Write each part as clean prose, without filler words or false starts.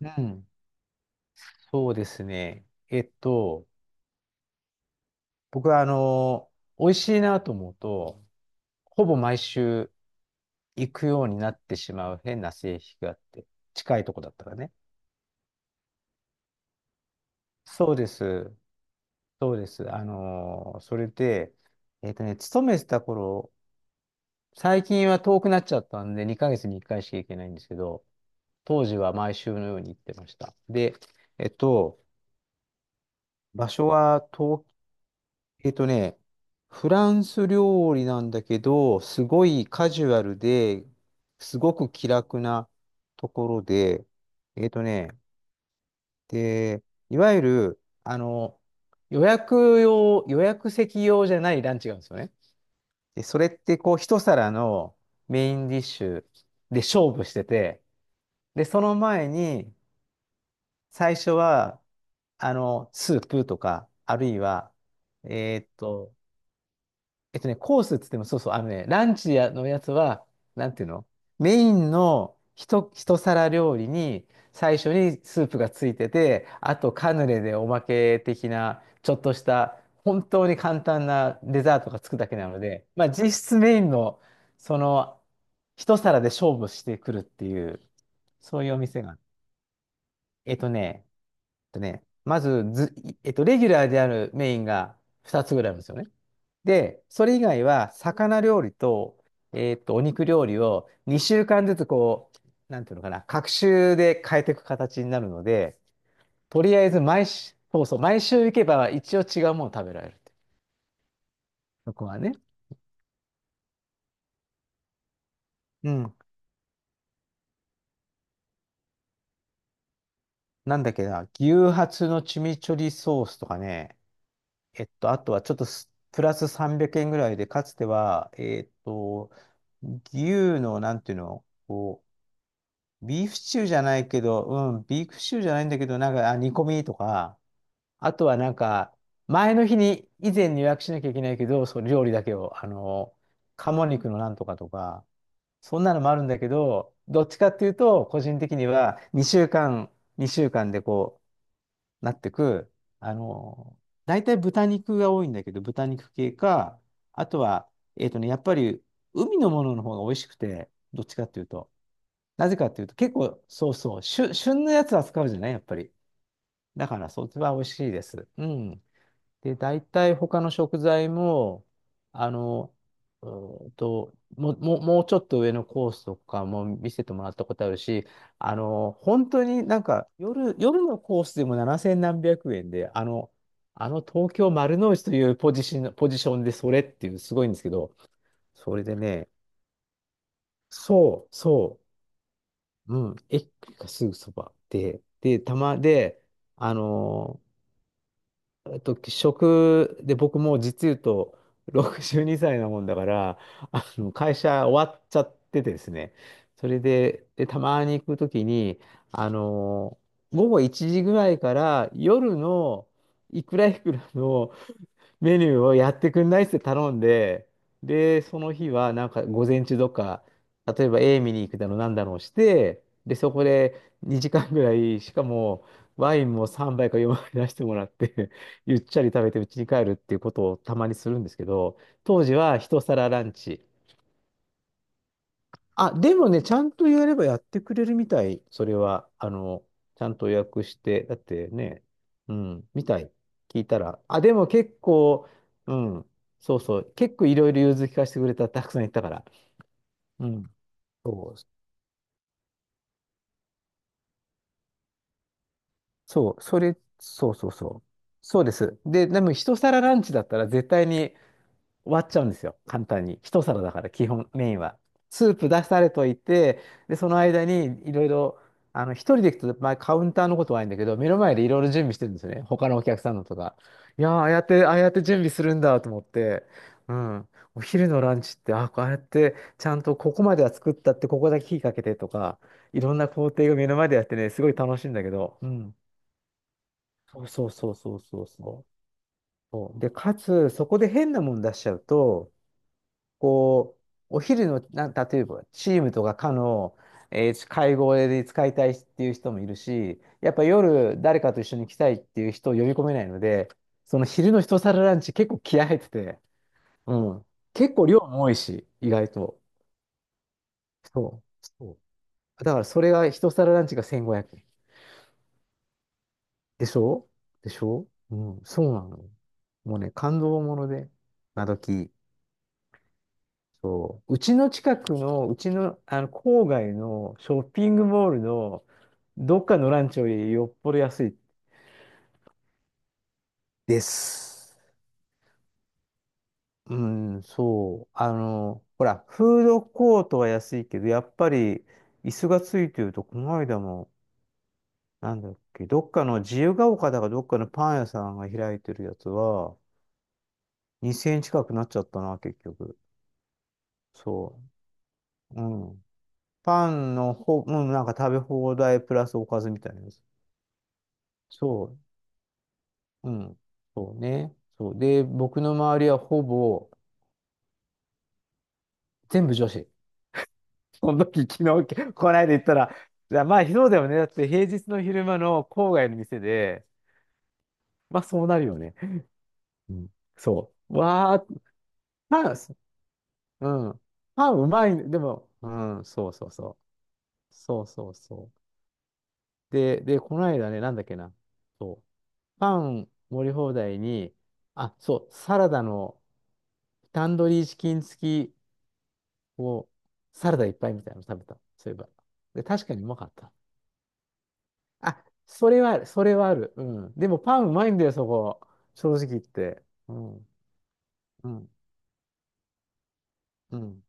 うん、そうですね。僕は美味しいなと思うと、ほぼ毎週行くようになってしまう変な性癖があって、近いとこだったらね。そうです。そうです。それで、勤めてた頃、最近は遠くなっちゃったんで、2ヶ月に1回しか行けないんですけど、当時は毎週のように行ってました。で、えっと、場所は東えっとね、フランス料理なんだけど、すごいカジュアルで、すごく気楽なところで、えっとね、で、いわゆる、予約席用じゃないランチがあるんですよね。で、それってこう、一皿のメインディッシュで勝負してて、で、その前に、最初は、スープとか、あるいは、えっと、コースっつっても、そうそう、ランチやのやつは、なんていうのメインの一皿料理に、最初にスープがついてて、あとカヌレでおまけ的な、ちょっとした、本当に簡単なデザートがつくだけなので、まあ実質メインの、その、一皿で勝負してくるっていう、そういうお店が。えっとね、えっとね、まずず、レギュラーであるメインが2つぐらいあるんですよね。で、それ以外は、魚料理と、お肉料理を2週間ずつなんていうのかな、隔週で変えていく形になるので、とりあえず毎週、そうそう、毎週行けば一応違うもの食べられるって。そこはね。うん。なんだっけな、牛ハツのチミチョリソースとかね、あとはちょっとプラス300円ぐらいで、かつては、牛の、なんていうの、ビーフシチューじゃないけど、うん、ビーフシチューじゃないんだけど、なんか、あ、煮込みとか、あとはなんか、前の日に、以前に予約しなきゃいけないけど、そう、料理だけを、鴨肉のなんとかとか、そんなのもあるんだけど、どっちかっていうと、個人的には、2週間でこう、なってく、あの、大体豚肉が多いんだけど、豚肉系か、あとは、やっぱり、海のものの方が美味しくて、どっちかっていうと、なぜかっていうと、結構、そうそう、旬のやつ扱うじゃないやっぱり。だから、そっちは美味しいです。うん。で、大体他の食材も、あの、うもうちょっと上のコースとかも見せてもらったことあるし、本当になんか、夜のコースでも7千何百円で、東京丸の内というポジションでそれっていうすごいんですけど、それでね、そう、そう。うん、駅がすぐそばで、で、たまで、あの僕もう実言うと62歳なもんだから、会社終わっちゃっててですね、それで、で、たまに行くときに、あのー午後1時ぐらいから夜のいくらいくらのメニューをやってくんないっつって頼んで、で、その日はなんか午前中とか、例えば A 見に行くだろう、なんだろうして、で、そこで2時間ぐらい、しかもワインも3杯か4杯出してもらって ゆっちゃり食べて家に帰るっていうことをたまにするんですけど、当時は一皿ランチ。あ、でもね、ちゃんとやればやってくれるみたい。それは、ちゃんと予約して、だってね、うん、みたい。聞いたら。あ、でも結構、うん、そうそう、結構いろいろ融通聞かせてくれた、たくさん言ったから。うん、そう、そう、それ、そうそうそう。そうです。で、でも一皿ランチだったら絶対に終わっちゃうんですよ。簡単に。一皿だから、基本、メインは。スープ出されといて、で、その間にいろいろ、一人で行くと、まあ、カウンターのことはないんだけど、目の前でいろいろ準備してるんですよね。他のお客さんのとか。いやー、ああやって準備するんだと思って、うん。お昼のランチって、あ、こうやって、ちゃんとここまでは作ったって、ここだけ火かけてとか、いろんな工程が目の前でやってね、すごい楽しいんだけど、うん。そうそうそうそうそうそう。そうで、かつ、そこで変なもん出しちゃうと、こお昼の、例えば、チームとか課の、会合で使いたいっていう人もいるし、やっぱ夜誰かと一緒に来たいっていう人を呼び込めないので、その昼の一皿ランチ結構気合入ってて、うん。結構量も多いし、意外と。そう。そう。だからそれが一皿ランチが1500円。でしょでしょ。うん、そうなの。もうね、感動もので、今時。そう、うちの近くの、うちの、郊外のショッピングモールのどっかのランチよりよっぽど安いです。うん、そう。ほら、フードコートは安いけど、やっぱり椅子がついてると、この間も、なんだっけ、どっかの自由が丘だかどっかのパン屋さんが開いてるやつは、2000円近くなっちゃったな、結局。そう。うん。パンのほ、うん、なんか食べ放題プラスおかずみたいなやつ。そう。うん。そうね。そう。で、僕の周りはほぼ全部女子。その時、こないだ言ったら、いやまあ、そうだよね。だって平日の昼間の郊外の店で、まあ、そうなるよね。うん。そう。わあ、パン、うん。パンうまいね。でも、うん、そうそうそう。そうそうそう。で、こないだね、なんだっけな。そう。パン盛り放題に、あ、そう、サラダのタンドリーチキン付きこサラダいっぱいみたいなの食べた。そういえば。で、確かにうまかった。あ、それはある、それはある。うん。でもパンうまいんだよ、そこ。正直言って。うん、うん、うん、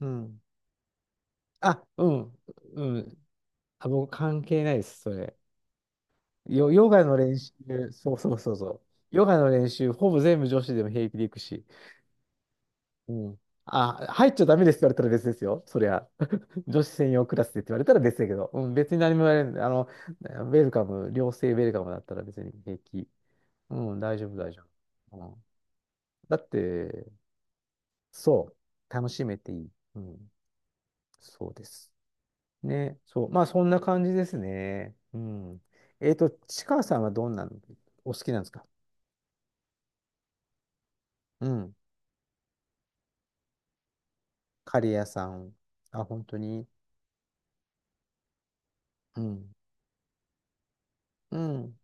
うん。あ、うん、うん。あ、僕関係ないです、それ。ヨガの練習、そうそうそうそう。ヨガの練習、ほぼ全部女子でも平気で行くし。うん。あ、入っちゃダメですって言われたら別ですよ。そりゃ。女子専用クラスでって言われたら別だけど。うん、別に何も言われない。ウェルカム、良性ウェルカムだったら別に平気。うん、大丈夫、大丈夫。うん、だって、そう。楽しめていい。うん、そうです。ね、そう。まあ、そんな感じですね。うん。ちかさんはどんなのお好きなんですか？うん。カレー屋さん。あ、本当に？うん。うん。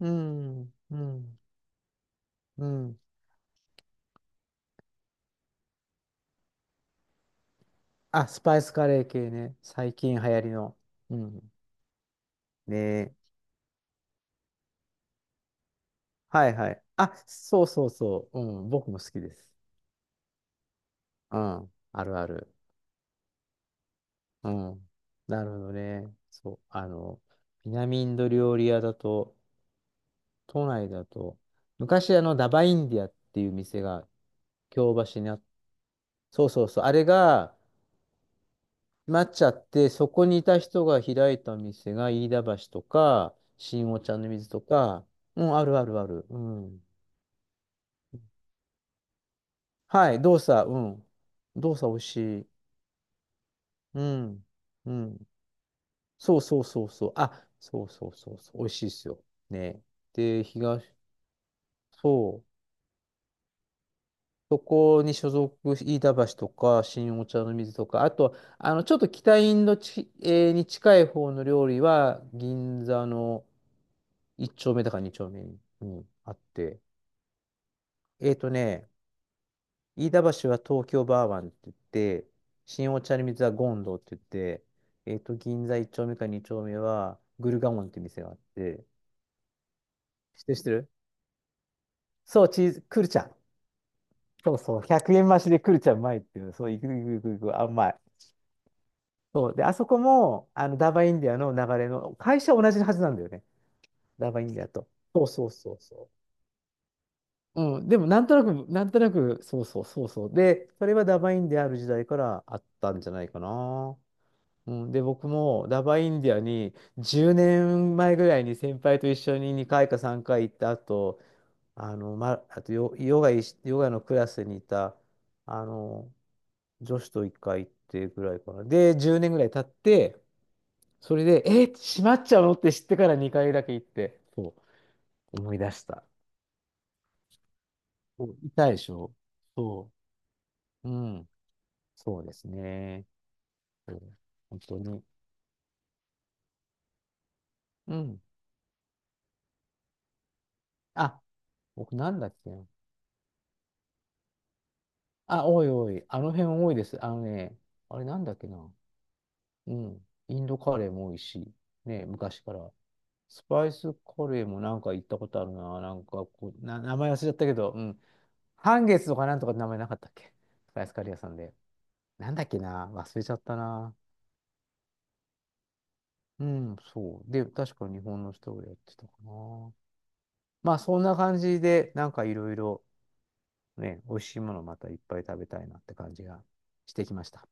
うん。うん。うん。あ、スパイスカレー系ね。最近流行りの。うん。ねえ。はいはい。あ、そうそうそう。うん。僕も好きです。うん。あるある。うん。なるほどね。そう。あの、南インド料理屋だと、都内だと、昔あの、ダバインディアっていう店が、京橋にそうそうそう。あれが、なっちゃって、そこにいた人が開いた店が、飯田橋とか、新御茶の水とか、うん、あるあるある。うん。はい、動作、うん。動作美味しい。うん。うん。そうそうそうそう。あ、そうそうそうそう。美味しいですよ。ね。で、そう。そこに所属、飯田橋とか、新お茶の水とか、あと、あの、ちょっと北インドち、えーに近い方の料理は、銀座の1丁目だか2丁目に、うんあって。えっとね、飯田橋は東京バーワンって言って、新お茶の水はゴンドって言って、えっと、銀座1丁目か2丁目はグルガモンっていう店があって、知ってる知ってる、そう、チーズ、クルチャ。そうそう、100円増しでクルチャうまいっていう、そう、いくいくいくいく、あ、うまい。そう、で、あそこも、あの、ダバインディアの流れの、会社は同じはずなんだよね、ダバインディアと。そうそうそうそう。うん、でも、なんとなく、そうそうそうそう。で、それはダバインディアある時代からあったんじゃないかな。うん、で、僕もダバインディアに10年前ぐらいに先輩と一緒に2回か3回行った後、あの、ま、あとヨガいし、ヨガのクラスにいた、あの、女子と1回行ってぐらいかな。で、10年ぐらい経って、それで、閉まっちゃうのって知ってから2回だけ行って、そう、思い出した。そう痛いでしょ、そう。うん。そうですね。そう本当に。うん。あ、僕なんだっけな。あ、多い多い。あの辺多いです。あのね、あれなんだっけな。うん。インドカレーも多いし、ね、昔から。スパイスカレーもなんか行ったことあるな。なんかこう、名前忘れちゃったけど、うん。半月とかなんとかって名前なかったっけ、スパイスカレー屋さんで。なんだっけな。忘れちゃったな。うん、そう。で、確か日本の人がやってたかな。まあ、そんな感じで、なんかいろいろね、美味しいものまたいっぱい食べたいなって感じがしてきました。